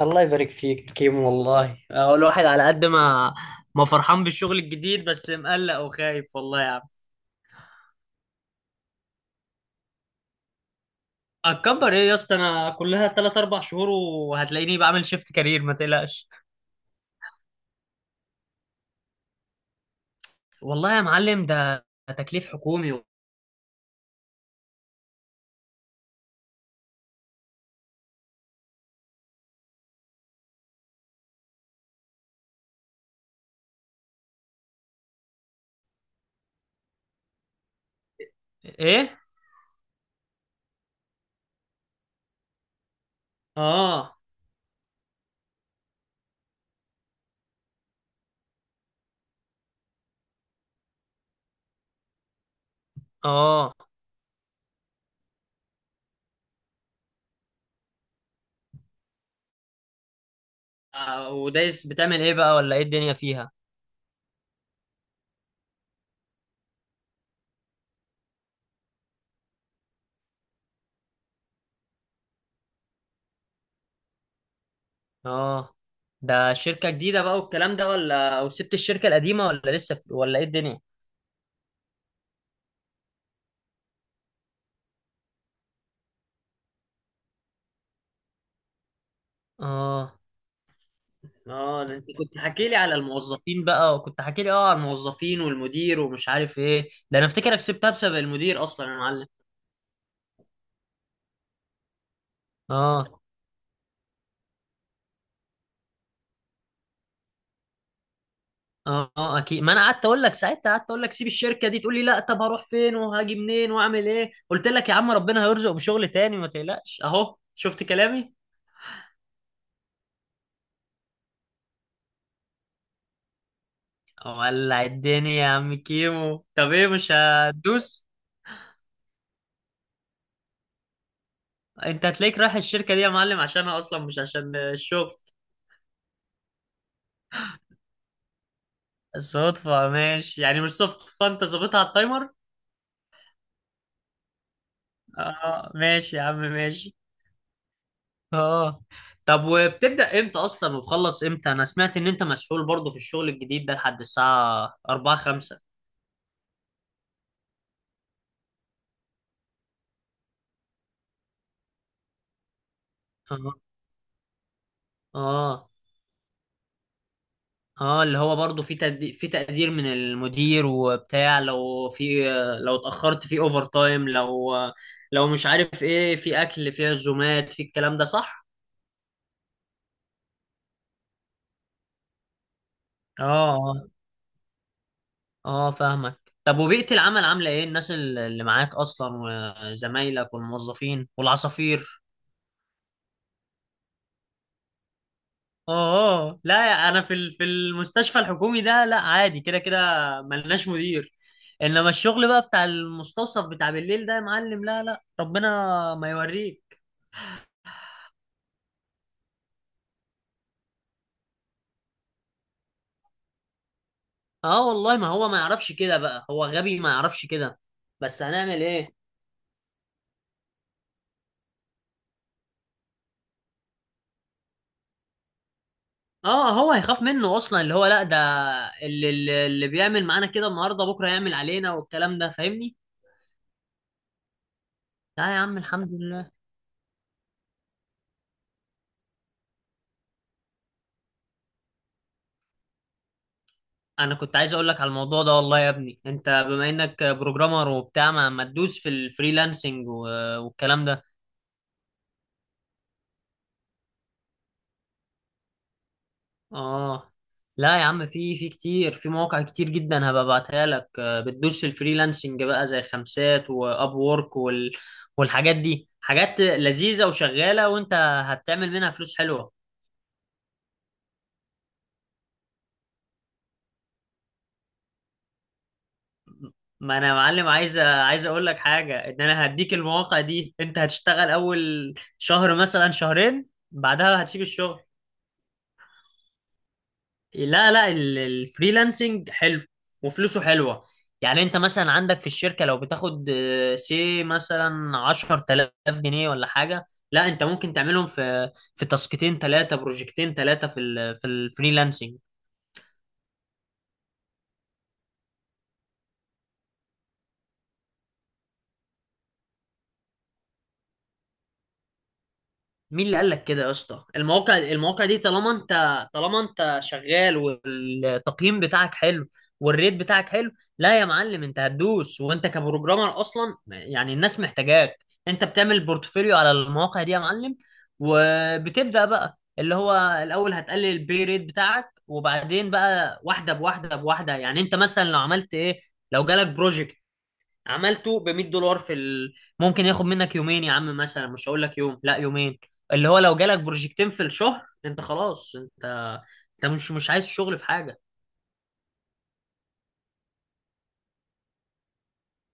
الله يبارك فيك كيمو والله الواحد على قد ما ما فرحان بالشغل الجديد بس مقلق وخايف والله يا عم. اتكبر ايه يا اسطى؟ انا كلها 3 4 شهور وهتلاقيني بعمل شيفت كارير، ما تقلقش. والله يا معلم ده تكليف حكومي و... ايه. اه اه ودايس بتعمل ايه بقى ولا ايه الدنيا فيها؟ اه. ده شركة جديدة بقى والكلام ده، ولا وسبت الشركة القديمة، ولا لسه في... ولا ايه الدنيا؟ اه اه. ده انت كنت حكي لي على الموظفين بقى وكنت حكي لي على الموظفين والمدير ومش عارف ايه، ده انا افتكرك سبتها بسبب المدير اصلا يا معلم. اه اه اه اكيد. ما انا قعدت اقول لك ساعتها، قعدت اقول لك سيب الشركه دي، تقول لي لا طب هروح فين وهاجي منين واعمل ايه. قلت لك يا عم ربنا هيرزق بشغل تاني، ما تقلقش، اهو شفت كلامي. ولع الدنيا يا عم كيمو. طب ايه، مش هتدوس؟ انت هتلاقيك رايح الشركه دي يا معلم عشانها اصلا، مش عشان الشغل. صدفه ماشي، يعني مش صدفه، انت ظابطها على التايمر. اه ماشي يا عم ماشي. اه. طب وبتبدأ امتى اصلا وتخلص امتى؟ انا سمعت ان انت مسحول برضه في الشغل الجديد ده لحد الساعة 4 5. اه اه اه، اللي هو برضه في تقدير، في تقدير من المدير وبتاع، لو في، لو اتأخرت في اوفر تايم، لو مش عارف ايه، في اكل، في عزومات، في الكلام ده، صح؟ اه اه، فاهمك. طب وبيئة العمل عاملة ايه، الناس اللي معاك اصلا، وزمايلك والموظفين والعصافير؟ اه لا. انا في في المستشفى الحكومي ده لا، عادي كده كده. ملناش مدير. انما الشغل بقى بتاع المستوصف بتاع بالليل ده يا معلم، لا لا ربنا ما يوريك. اه والله، ما هو ما يعرفش كده بقى، هو غبي ما يعرفش كده، بس هنعمل ايه. اه، هو هيخاف منه اصلا، اللي هو لا ده. اللي بيعمل معانا كده النهارده، بكره يعمل علينا والكلام ده، فاهمني. لا يا عم الحمد لله. انا كنت عايز اقول لك على الموضوع ده، والله يا ابني انت بما انك بروجرامر وبتاع ما تدوس في الفريلانسنج والكلام ده. اه. لا يا عم، في كتير، في مواقع كتير جدا هبقى ابعتها لك، بتدوس في الفريلانسنج بقى زي خمسات واب وورك وال والحاجات دي حاجات لذيذة وشغالة، وانت هتعمل منها فلوس حلوة. ما انا يا معلم عايز، عايز اقول لك حاجة، ان انا هديك المواقع دي، انت هتشتغل اول شهر مثلا شهرين، بعدها هتسيب الشغل. لا لا، الفريلانسنج حلو وفلوسه حلوة. يعني انت مثلا عندك في الشركة لو بتاخد، سي مثلا عشرة آلاف جنيه ولا حاجة، لا انت ممكن تعملهم في تاسكتين ثلاثة، بروجكتين ثلاثة في ال في الفريلانسنج. مين اللي قال لك كده يا اسطى؟ المواقع، المواقع دي طالما انت، طالما انت شغال والتقييم بتاعك حلو، والريت بتاعك حلو، لا يا معلم انت هتدوس، وانت كبروجرامر اصلا يعني الناس محتاجاك. انت بتعمل بورتفوليو على المواقع دي يا معلم، وبتبدأ بقى اللي هو الاول هتقلل البي ريت بتاعك، وبعدين بقى واحده بواحده بواحده. يعني انت مثلا لو عملت ايه، لو جالك بروجكت عملته ب 100 دولار في ال... ممكن ياخد منك يومين يا عم مثلا، مش هقول لك يوم، لا يومين. اللي هو لو جالك بروجكتين في الشهر انت خلاص، انت، انت مش عايز شغل في حاجه.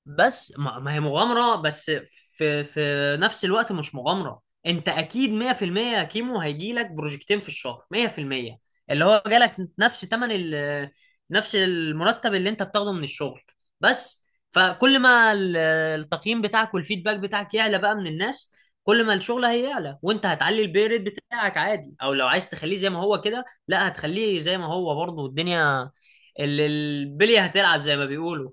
بس ما، ما هي مغامرة، بس في نفس الوقت مش مغامرة، انت اكيد 100% يا كيمو، هيجيلك بروجكتين في الشهر 100%. اللي هو جالك نفس تمن ال، نفس المرتب اللي انت بتاخده من الشغل بس. فكل ما التقييم بتاعك والفيدباك بتاعك يعلى بقى من الناس، كل ما الشغل هيعلى وانت هتعلي البي ريت بتاعك عادي، او لو عايز تخليه زي ما هو كده، لا هتخليه زي ما هو برضه، الدنيا البلية هتلعب زي ما بيقولوا.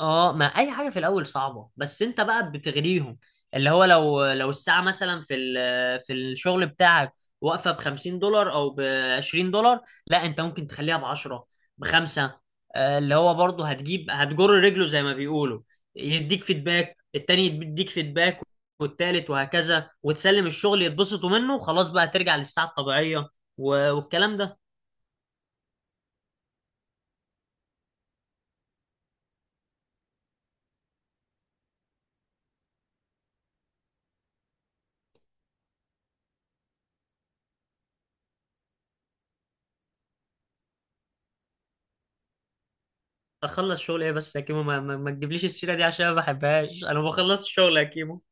اه، ما اي حاجه في الاول صعبه، بس انت بقى بتغريهم. اللي هو لو الساعه مثلا في في الشغل بتاعك واقفه ب 50 دولار او ب 20 دولار، لا انت ممكن تخليها ب 10، بخمسة. اللي هو برضه هتجيب، هتجر رجله زي ما بيقولوا، يديك فيدباك، التاني يديك فيدباك، والتالت، وهكذا، وتسلم الشغل يتبسطوا منه خلاص بقى، ترجع للساعه الطبيعيه والكلام ده. اخلص شغل ايه بس يا كيمو، ما تجيبليش السيره دي عشان ما بحبهاش. انا بخلص الشغل يا كيمو.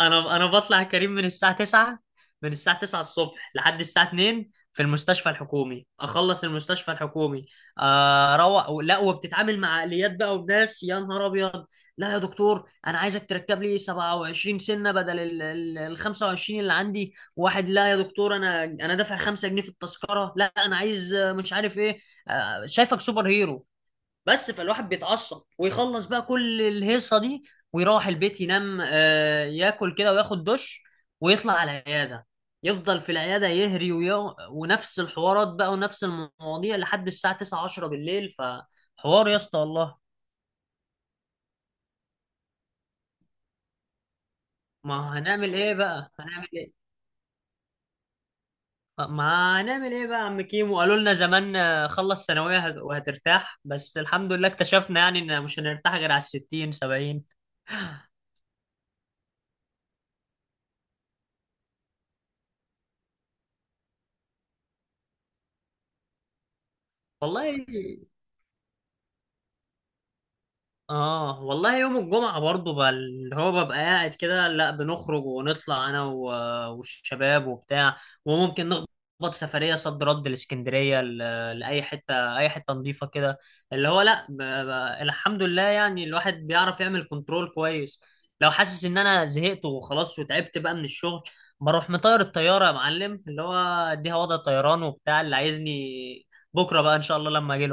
انا بطلع كريم من الساعه 9، من الساعه 9 الصبح لحد الساعه 2 في المستشفى الحكومي. اخلص المستشفى الحكومي، اروح. لا، وبتتعامل مع عقليات بقى وناس، يا نهار ابيض. لا يا دكتور انا عايزك تركب لي 27 سنه بدل ال ال 25 اللي عندي، واحد لا يا دكتور انا، انا دافع 5 جنيه في التذكره، لا انا عايز، مش عارف ايه، شايفك سوبر هيرو. بس فالواحد بيتعصب ويخلص بقى كل الهيصه دي، ويروح البيت ينام، ياكل كده وياخد دش، ويطلع على العياده، يفضل في العياده يهري ونفس الحوارات بقى ونفس المواضيع لحد الساعه 9 10 بالليل. فحوار يا اسطى والله. ما هنعمل ايه بقى، هنعمل ايه. ما هنعمل ايه بقى يا عم كيمو؟ قالوا لنا زمان، خلص ثانويه وهترتاح، بس الحمد لله اكتشفنا يعني ان مش هنرتاح غير على الستين سبعين والله. اه والله، يوم الجمعة برضو بقى اللي هو ببقى قاعد كده، لا، بنخرج ونطلع انا والشباب وبتاع، وممكن نخبط سفرية صد رد الاسكندرية، لأي حتة، أي حتة نظيفة كده. اللي هو لا، الحمد لله يعني الواحد بيعرف يعمل كنترول كويس. لو حاسس إن أنا زهقت وخلاص وتعبت بقى من الشغل، بروح مطير الطيارة يا معلم، اللي هو أديها وضع طيران وبتاع، اللي عايزني بكرة بقى إن شاء الله لما أجي.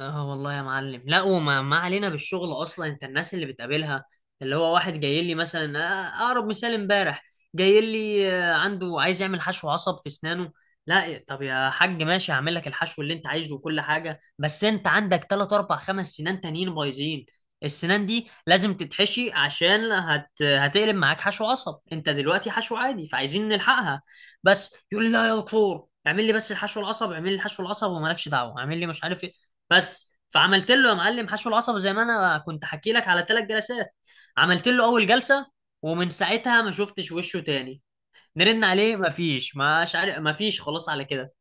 اه والله يا معلم. لا، وما، ما علينا بالشغل اصلا، انت الناس اللي بتقابلها، اللي هو واحد جاي لي مثلا، اقرب مثال امبارح جاي لي، عنده عايز يعمل حشو عصب في اسنانه. لا يا- طب يا حاج ماشي هعمل لك الحشو اللي انت عايزه وكل حاجه، بس انت عندك 3 4 5 سنان تانيين بايظين، السنان دي لازم تتحشي عشان هتقلب معاك حشو عصب، انت دلوقتي حشو عادي، فعايزين نلحقها. بس يقول لي لا يا دكتور اعمل لي بس الحشو العصب، اعمل لي الحشو العصب ومالكش دعوه، اعمل لي مش عارف إيه. بس فعملت له يا معلم حشو العصب زي ما انا كنت حكي لك على ثلاث جلسات. عملت له اول جلسه، ومن ساعتها ما شفتش وشه تاني، نرن عليه ما فيش، مش عارف، ما فيش، خلاص على كده.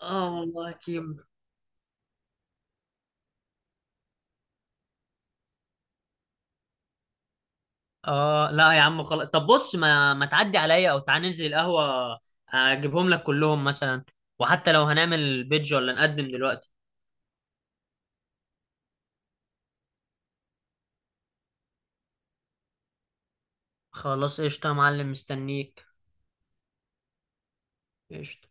اه والله يا كيم. اه لا يا عم خلاص. طب بص، ما تعدي عليا او تعال ننزل القهوه، اجيبهم لك كلهم مثلا، وحتى لو هنعمل بيدج ولا نقدم دلوقتي. خلاص قشطه يا معلم، مستنيك. قشطه.